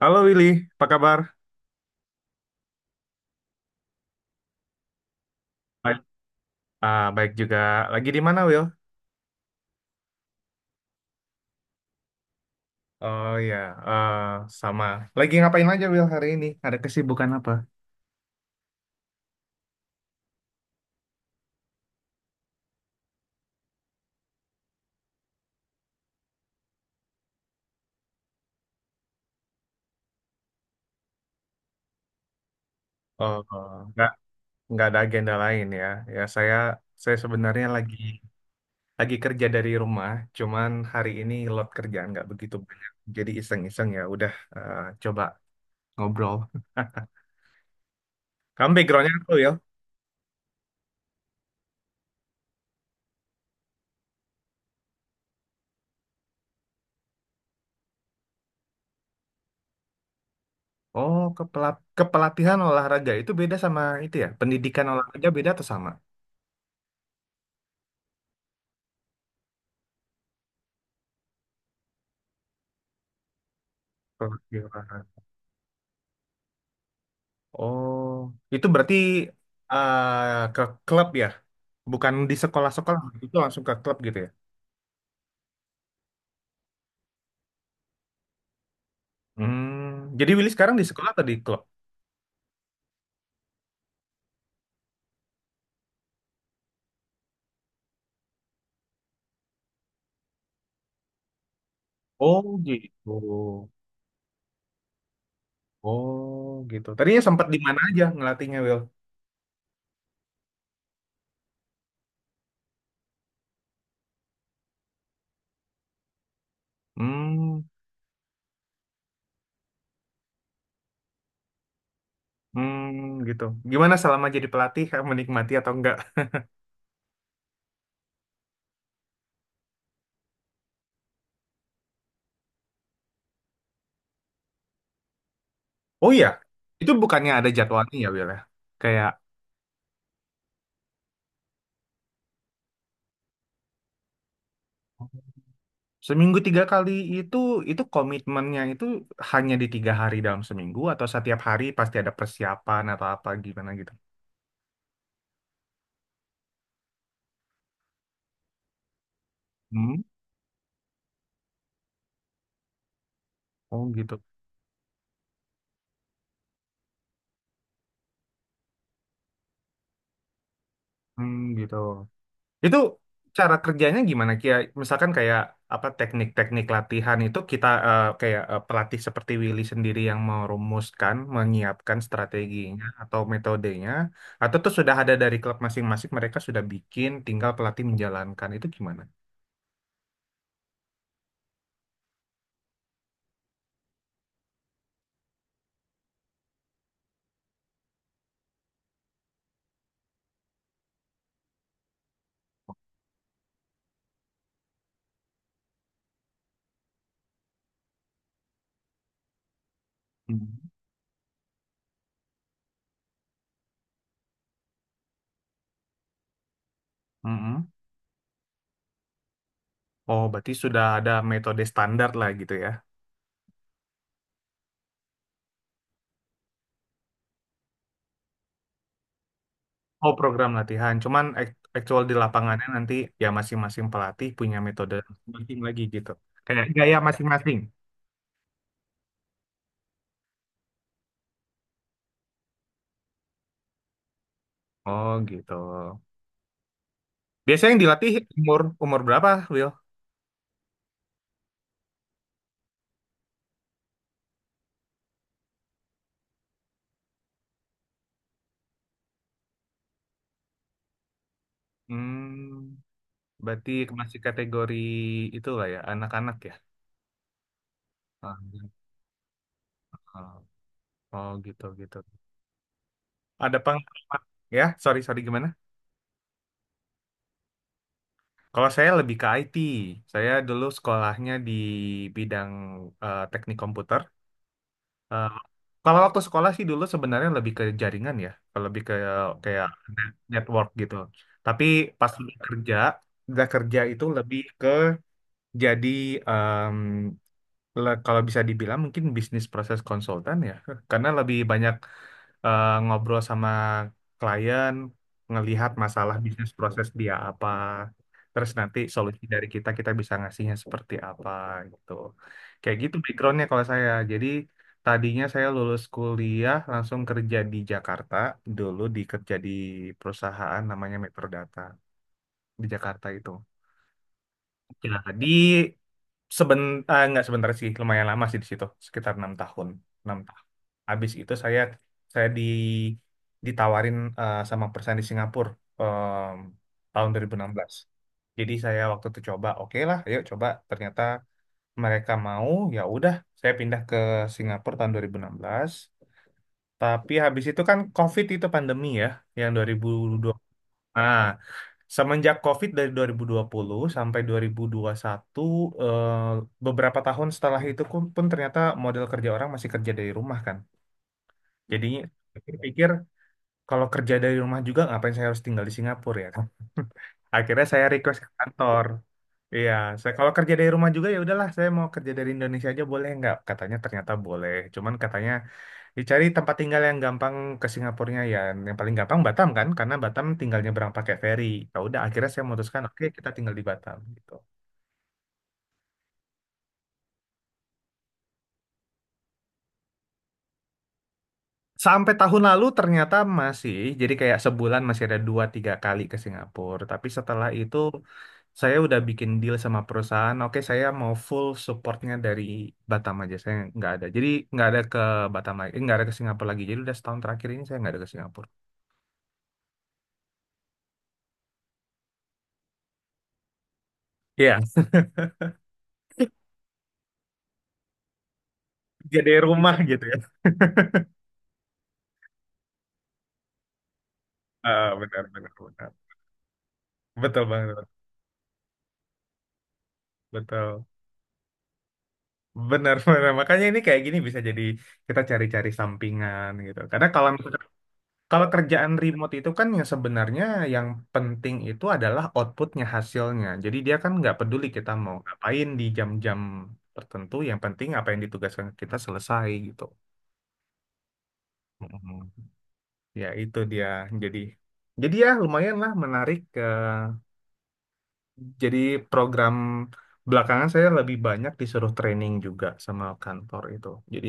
Halo Willy, apa kabar? Baik. Ah, baik juga. Lagi di mana, Will? Oh ya, eh, sama. Lagi ngapain aja, Will, hari ini? Ada kesibukan apa? Oh, oh, nggak nggak ada agenda lain ya. Ya saya sebenarnya lagi kerja dari rumah. Cuman hari ini load kerjaan nggak begitu banyak. Jadi iseng-iseng ya. Udah coba ngobrol. Kamu backgroundnya apa, Will? Oh, kepelatihan olahraga itu beda sama itu ya? Pendidikan olahraga beda atau sama? Oke. Oh, itu berarti eh, ke klub ya? Bukan di sekolah-sekolah, itu langsung ke klub gitu ya? Hmm, jadi Willy sekarang di sekolah atau di klub? Oh gitu. Oh gitu. Tadinya sempat di mana aja ngelatihnya Will? Hmm, hmm gitu. Gimana selama jadi pelatih, menikmati atau enggak? Oh iya, itu bukannya ada jadwalnya ya Will ya? Kayak seminggu tiga kali itu, komitmennya itu hanya di tiga hari dalam seminggu atau setiap hari pasti ada persiapan atau apa gimana gitu. Hmm? Oh gitu. Hmm gitu. Itu cara kerjanya gimana Kia? Misalkan kayak apa teknik-teknik latihan itu kita kayak pelatih seperti Willy sendiri yang merumuskan, menyiapkan strateginya atau metodenya, atau itu sudah ada dari klub masing-masing mereka sudah bikin tinggal pelatih menjalankan itu gimana? Hmm. Mm-mm. Oh, berarti sudah ada metode standar lah gitu ya. Oh, program latihan. Cuman actual di lapangannya nanti ya masing-masing pelatih punya metode masing lagi gitu. Kayak gaya masing-masing. Oh, gitu. Biasanya yang dilatih umur umur berapa, Will? Hmm, berarti masih kategori itulah ya, anak-anak ya. Ah, oh, oh, gitu gitu. Ada pengalaman ya? Sorry sorry gimana? Kalau saya lebih ke IT. Saya dulu sekolahnya di bidang teknik komputer. Eh, kalau waktu sekolah sih dulu sebenarnya lebih ke jaringan ya, kalau lebih ke kayak network gitu. Tapi pas udah kerja, itu lebih ke jadi em, kalau bisa dibilang mungkin bisnis proses konsultan ya, karena lebih banyak ngobrol sama klien, ngelihat masalah bisnis proses dia apa, terus nanti solusi dari kita kita bisa ngasihnya seperti apa gitu. Kayak gitu backgroundnya kalau saya. Jadi tadinya saya lulus kuliah langsung kerja di Jakarta, dulu dikerja di perusahaan namanya Metro Data di Jakarta itu. Jadi Seben, nggak sebentar sih, lumayan lama sih di situ, sekitar 6 tahun, enam tahun. Habis itu saya di ditawarin sama perusahaan di Singapura em, tahun 2016. Jadi saya waktu itu coba, oke lah, ayo coba. Ternyata mereka mau, ya udah, saya pindah ke Singapura tahun 2016. Tapi habis itu kan COVID itu pandemi ya, yang 2020. Semenjak COVID dari 2020 sampai 2021, eh, beberapa tahun setelah itu pun pun ternyata model kerja orang masih kerja dari rumah kan. Jadi pikir kalau kerja dari rumah juga ngapain saya harus tinggal di Singapura ya kan. Akhirnya saya request ke kantor. Iya, saya kalau kerja dari rumah juga ya udahlah, saya mau kerja dari Indonesia aja boleh nggak? Katanya ternyata boleh. Cuman katanya dicari tempat tinggal yang gampang ke Singapurnya ya. Yang paling gampang Batam kan, karena Batam tinggal nyebrang pakai feri. Ya udah akhirnya saya memutuskan oke kita tinggal di Batam gitu. Sampai tahun lalu ternyata masih, jadi kayak 1 bulan masih ada dua tiga kali ke Singapura. Tapi setelah itu saya udah bikin deal sama perusahaan, oke saya mau full supportnya dari Batam aja, saya nggak ada. Jadi nggak ada ke Batam lagi, nggak ada ke Singapura lagi. Jadi udah 1 tahun terakhir ini saya nggak ada ke Singapura. Iya, jadi rumah gitu ya. Ah, benar, benar, benar. Betul banget, betul. Benar, benar. Makanya ini kayak gini bisa jadi kita cari-cari sampingan gitu. Karena kalau misalkan- kalau kerjaan remote itu kan yang sebenarnya yang penting itu adalah outputnya, hasilnya. Jadi dia kan nggak peduli kita mau ngapain di jam-jam tertentu, yang penting apa yang ditugaskan kita selesai gitu. Mhm. Ya itu dia. Jadi, jadi ya lumayan lah menarik. Jadi program belakangan saya lebih banyak disuruh training juga sama kantor itu. Jadi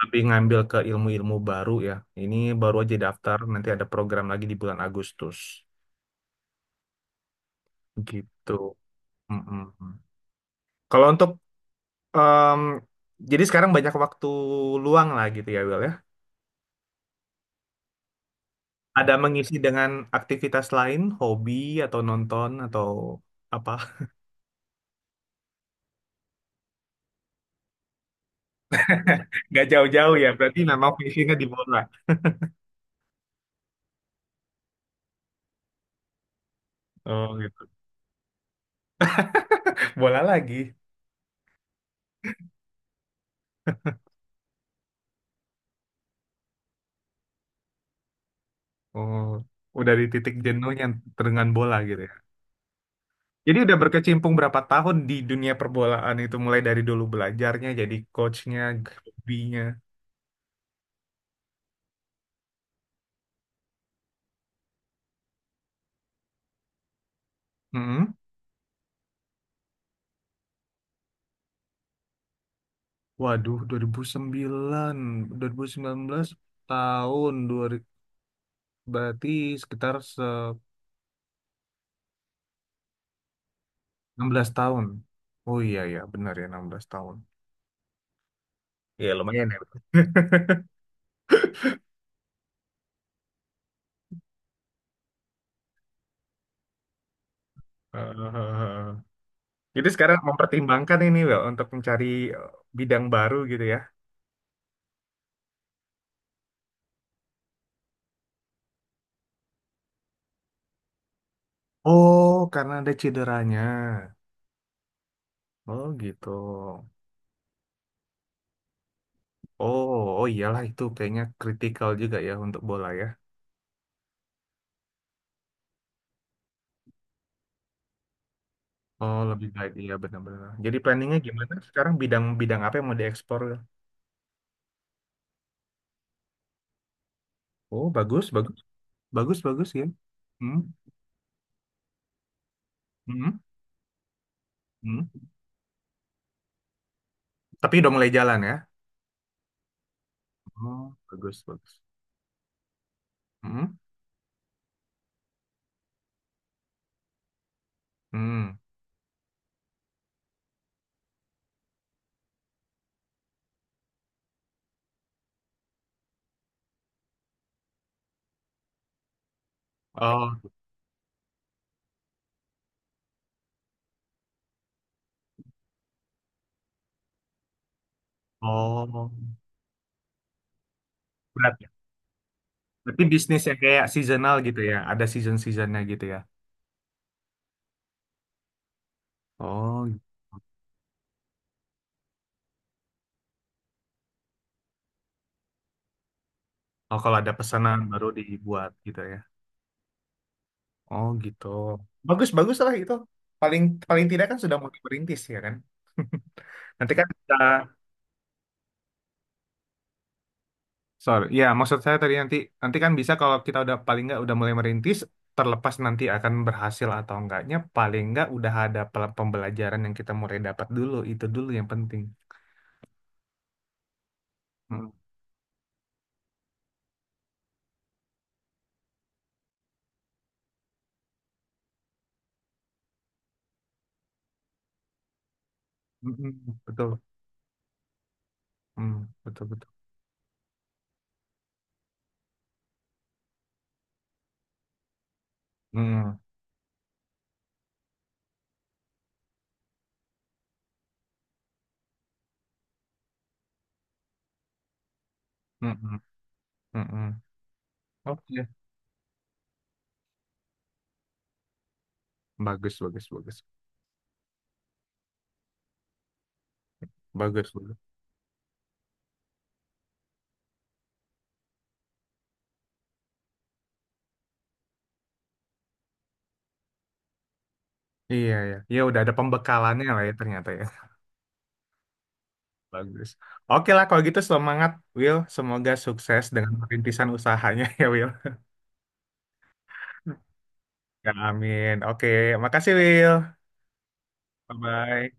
lebih ngambil ke ilmu-ilmu baru ya. Ini baru aja daftar, nanti ada program lagi di bulan Agustus. Gitu. Mm-mm. Kalau untuk em, jadi sekarang banyak waktu luang lah gitu ya, Will ya. Ada mengisi dengan aktivitas lain, hobi atau nonton atau apa? Nggak jauh-jauh ya, berarti memang finishingnya di bola. Oh gitu. Bola lagi. Oh, udah di titik jenuhnya dengan bola gitu ya. Jadi udah berkecimpung berapa tahun di dunia perbolaan itu mulai dari dulu belajarnya jadi coachnya, hobinya. Hmm. Waduh, 2009, 2019 tahun dua berarti sekitar 16 tahun. Oh iya ya, benar ya 16 tahun. Iya lumayan ya. Hahaha. Jadi sekarang mempertimbangkan ini Wel, untuk mencari eh, bidang baru gitu ya. Oh, karena ada cederanya. Oh gitu. Oh, oh iyalah itu kayaknya kritikal juga ya untuk bola ya. Oh, lebih baik iya benar-benar. Jadi planningnya gimana sekarang bidang-bidang apa yang mau diekspor? Oh, bagus ya. Hmm, hmm, hmm. Tapi udah mulai jalan ya. Oh, bagus. Hmm, hmm. Oh, oh, berat ya. Berarti bisnis yang kayak seasonal gitu ya. Ada season-seasonnya gitu ya. Oh, oh kalau ada pesanan baru dibuat gitu ya. Oh gitu. Bagus bagus lah itu. Paling paling tidak kan sudah mulai merintis ya kan. Nanti kan kita Sorry. Ya, maksud saya tadi nanti nanti kan bisa kalau kita udah paling nggak udah mulai merintis, terlepas nanti akan berhasil atau enggaknya, paling nggak udah ada pembelajaran yang kita mulai dapat dulu. Itu dulu yang penting. Mm. Mm-mm. Betul. Mm. Betul betul. Mm. Mm-mm. Mm-mm. Oke. Bagus. Bagus. Iya ya. Ya udah ada pembekalannya lah ya ternyata ya. Bagus. Oke lah kalau gitu semangat Will. Semoga sukses dengan perintisan usahanya ya Will. Ya amin. Oke, makasih Will. Bye-bye.